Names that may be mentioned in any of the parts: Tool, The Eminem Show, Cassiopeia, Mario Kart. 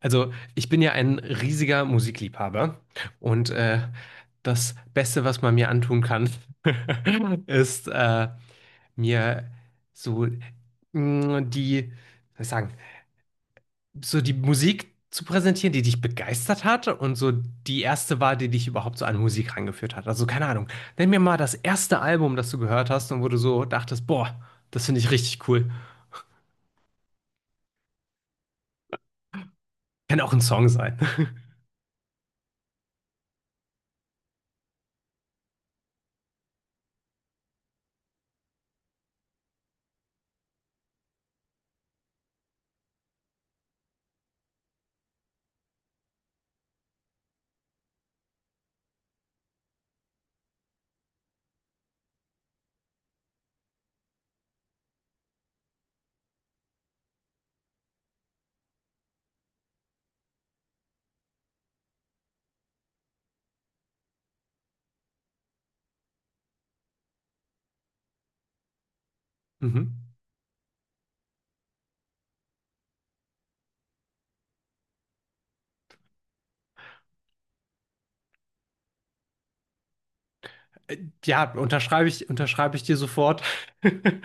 Also, ich bin ja ein riesiger Musikliebhaber und das Beste, was man mir antun kann, ist mir so die, was soll ich sagen, so die Musik zu präsentieren, die dich begeistert hat und so die erste war, die dich überhaupt so an Musik rangeführt hat. Also, keine Ahnung, nenn mir mal das erste Album, das du gehört hast und wo du so dachtest, boah, das finde ich richtig cool. Kann auch ein Song sein. Mhm. Ja, unterschreibe ich dir sofort.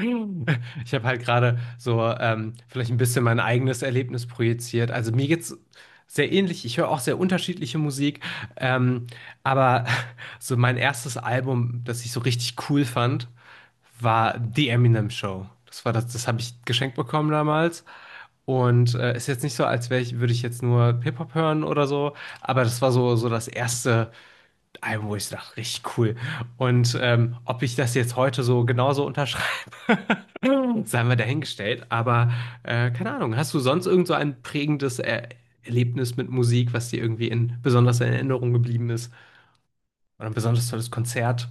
Ich habe halt gerade so vielleicht ein bisschen mein eigenes Erlebnis projiziert. Also mir geht's sehr ähnlich. Ich höre auch sehr unterschiedliche Musik. Ähm, aber so mein erstes Album, das ich so richtig cool fand, war The Eminem Show. Das war das, das habe ich geschenkt bekommen damals. Und ist jetzt nicht so, als wäre ich, würde ich jetzt nur Hip-Hop hören oder so, aber das war so, so das erste Album, wo ich dachte, richtig cool. Und ob ich das jetzt heute so genauso unterschreibe, sei mal dahingestellt. Aber keine Ahnung, hast du sonst irgend so ein prägendes Erlebnis mit Musik, was dir irgendwie in besonders in Erinnerung geblieben ist? Oder ein besonders tolles Konzert?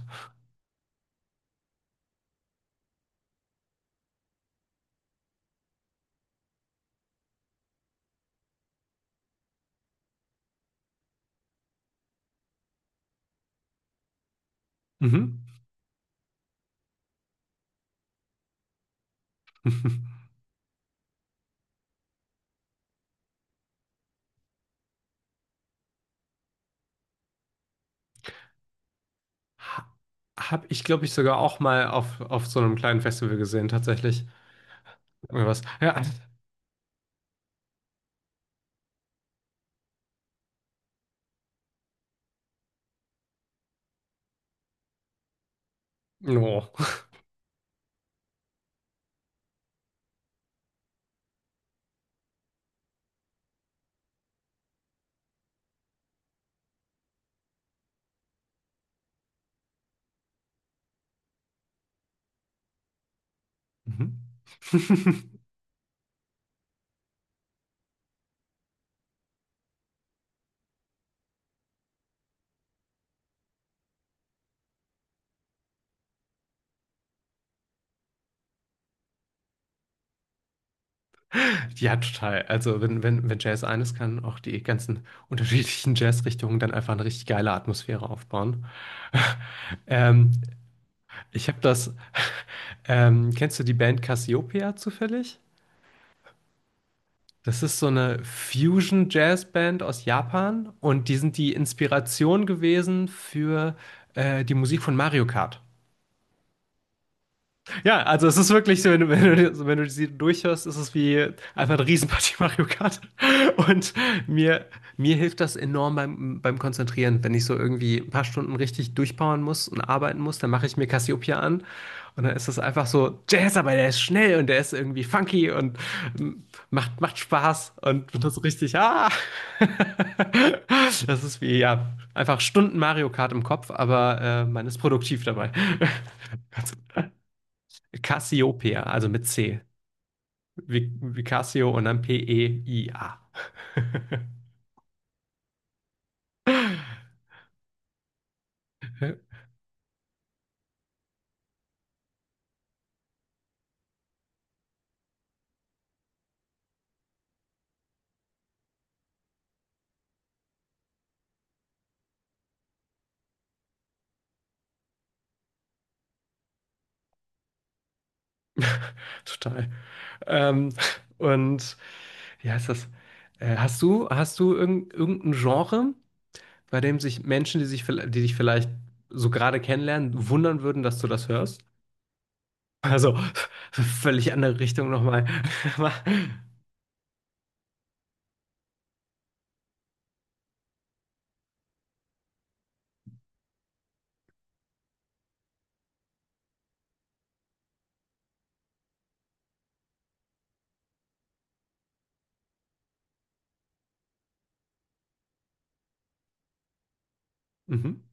Mhm. Ha- Hab ich, glaube ich, sogar auch mal auf so einem kleinen Festival gesehen, tatsächlich. Irgendwas. Ja. No. Mhm. Ja, total. Also wenn Jazz eines kann, auch die ganzen unterschiedlichen Jazzrichtungen dann einfach eine richtig geile Atmosphäre aufbauen. Ähm, ich habe das, kennst du die Band Cassiopeia zufällig? Das ist so eine Fusion-Jazz-Band aus Japan und die sind die Inspiration gewesen für die Musik von Mario Kart. Ja, also es ist wirklich so, wenn du sie durchhörst, ist es wie einfach eine Riesenpartie Mario Kart. Und mir, mir hilft das enorm beim Konzentrieren. Wenn ich so irgendwie ein paar Stunden richtig durchpowern muss und arbeiten muss, dann mache ich mir Cassiopeia an. Und dann ist es einfach so, der ist schnell und der ist irgendwie funky und ähm, macht Spaß und das ist richtig, ah! Das ist wie, ja, einfach Stunden Mario Kart im Kopf, aber man ist produktiv dabei. Cassiopeia, also mit C. Wie Cassio und dann P-E-I-A. Total. Ähm, und wie heißt das? Hast du irgendein Genre, bei dem sich Menschen, die dich vielleicht so gerade kennenlernen, wundern würden, dass du das hörst? Also, völlig andere Richtung nochmal. Mhm.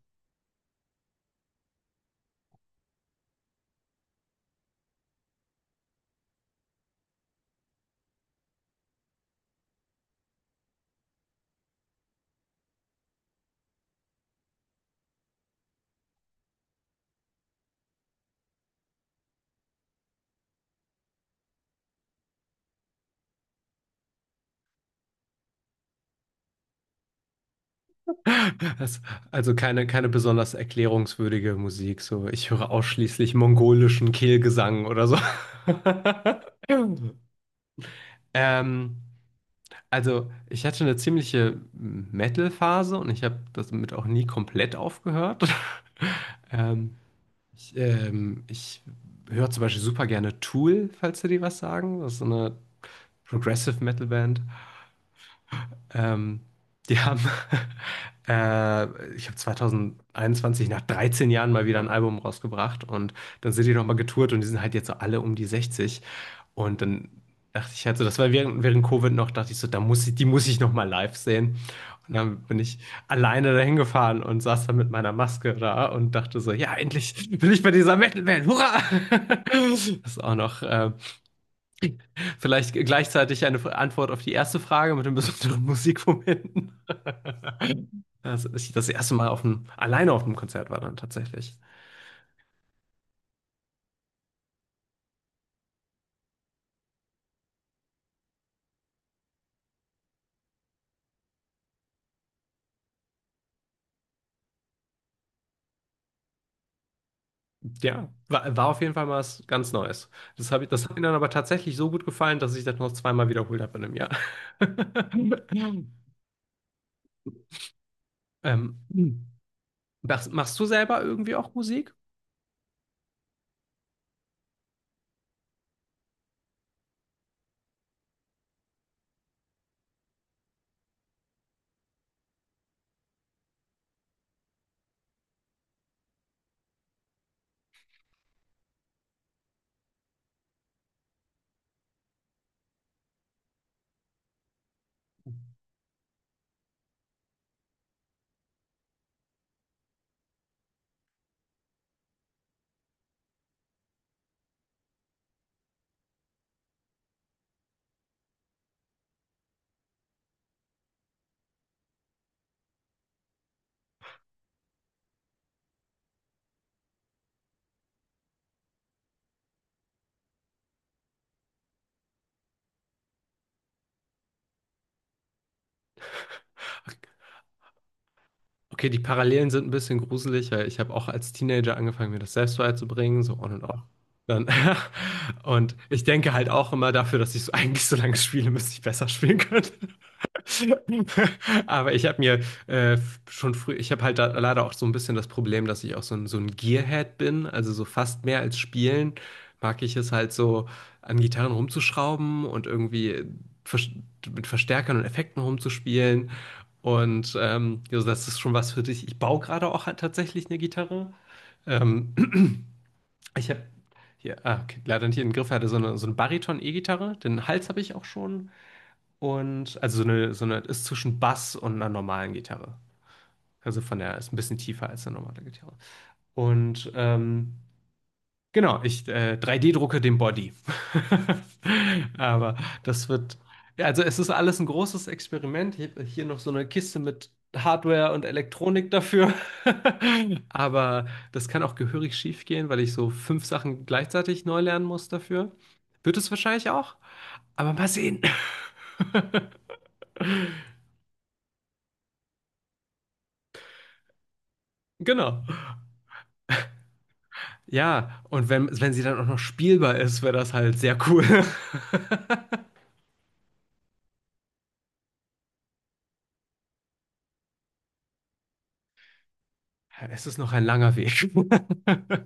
Das, also keine besonders erklärungswürdige Musik. So, ich höre ausschließlich mongolischen Kehlgesang oder so. Ähm, also ich hatte eine ziemliche Metal-Phase und ich habe damit auch nie komplett aufgehört. Ähm, ich höre zum Beispiel super gerne Tool, falls dir die was sagen. Das ist so eine Progressive Metal Band. Ähm, die haben, ich habe 2021 nach 13 Jahren mal wieder ein Album rausgebracht und dann sind die nochmal getourt und die sind halt jetzt so alle um die 60. Und dann dachte ich halt so, das war während Covid noch, dachte ich so, die muss ich nochmal live sehen. Und dann bin ich alleine dahin gefahren und saß dann mit meiner Maske da und dachte so, ja, endlich bin ich bei dieser Metal Band, hurra! Das ist auch noch vielleicht gleichzeitig eine Antwort auf die erste Frage mit den besonderen Musikmomenten. Als ich das erste Mal alleine auf dem Konzert war dann tatsächlich. Ja, war auf jeden Fall mal was ganz Neues. Das hat mir dann aber tatsächlich so gut gefallen, dass ich das noch zweimal wiederholt habe in einem Jahr. Ähm, machst du selber irgendwie auch Musik? Okay, die Parallelen sind ein bisschen gruselig, weil ich habe auch als Teenager angefangen, mir das selbst beizubringen, so on und off. Dann, und ich denke halt auch immer dafür, dass ich so eigentlich so lange spiele, müsste ich besser spielen können. Aber ich habe mir äh, schon früh, ich habe halt da leider auch so ein bisschen das Problem, dass ich auch so ein Gearhead bin, also so fast mehr als spielen, mag ich es halt so an Gitarren rumzuschrauben und irgendwie vers- mit Verstärkern und Effekten rumzuspielen. Und also das ist schon was für dich. Ich baue gerade auch halt tatsächlich eine Gitarre. Ähm, ich habe hier, ah, okay, leider nicht in den Griff hatte, so eine Bariton-E-Gitarre. Den Hals habe ich auch schon und also so eine ist zwischen Bass und einer normalen Gitarre. Also von der ist ein bisschen tiefer als eine normale Gitarre. Und genau, ich 3D-drucke den Body. Aber das wird, ja, also es ist alles ein großes Experiment. Ich hab hier noch so eine Kiste mit Hardware und Elektronik dafür. Aber das kann auch gehörig schief gehen, weil ich so fünf Sachen gleichzeitig neu lernen muss dafür. Wird es wahrscheinlich auch. Aber mal sehen. Genau. Ja, und wenn, wenn sie dann auch noch spielbar ist, wäre das halt sehr cool. Es ist noch ein langer Weg.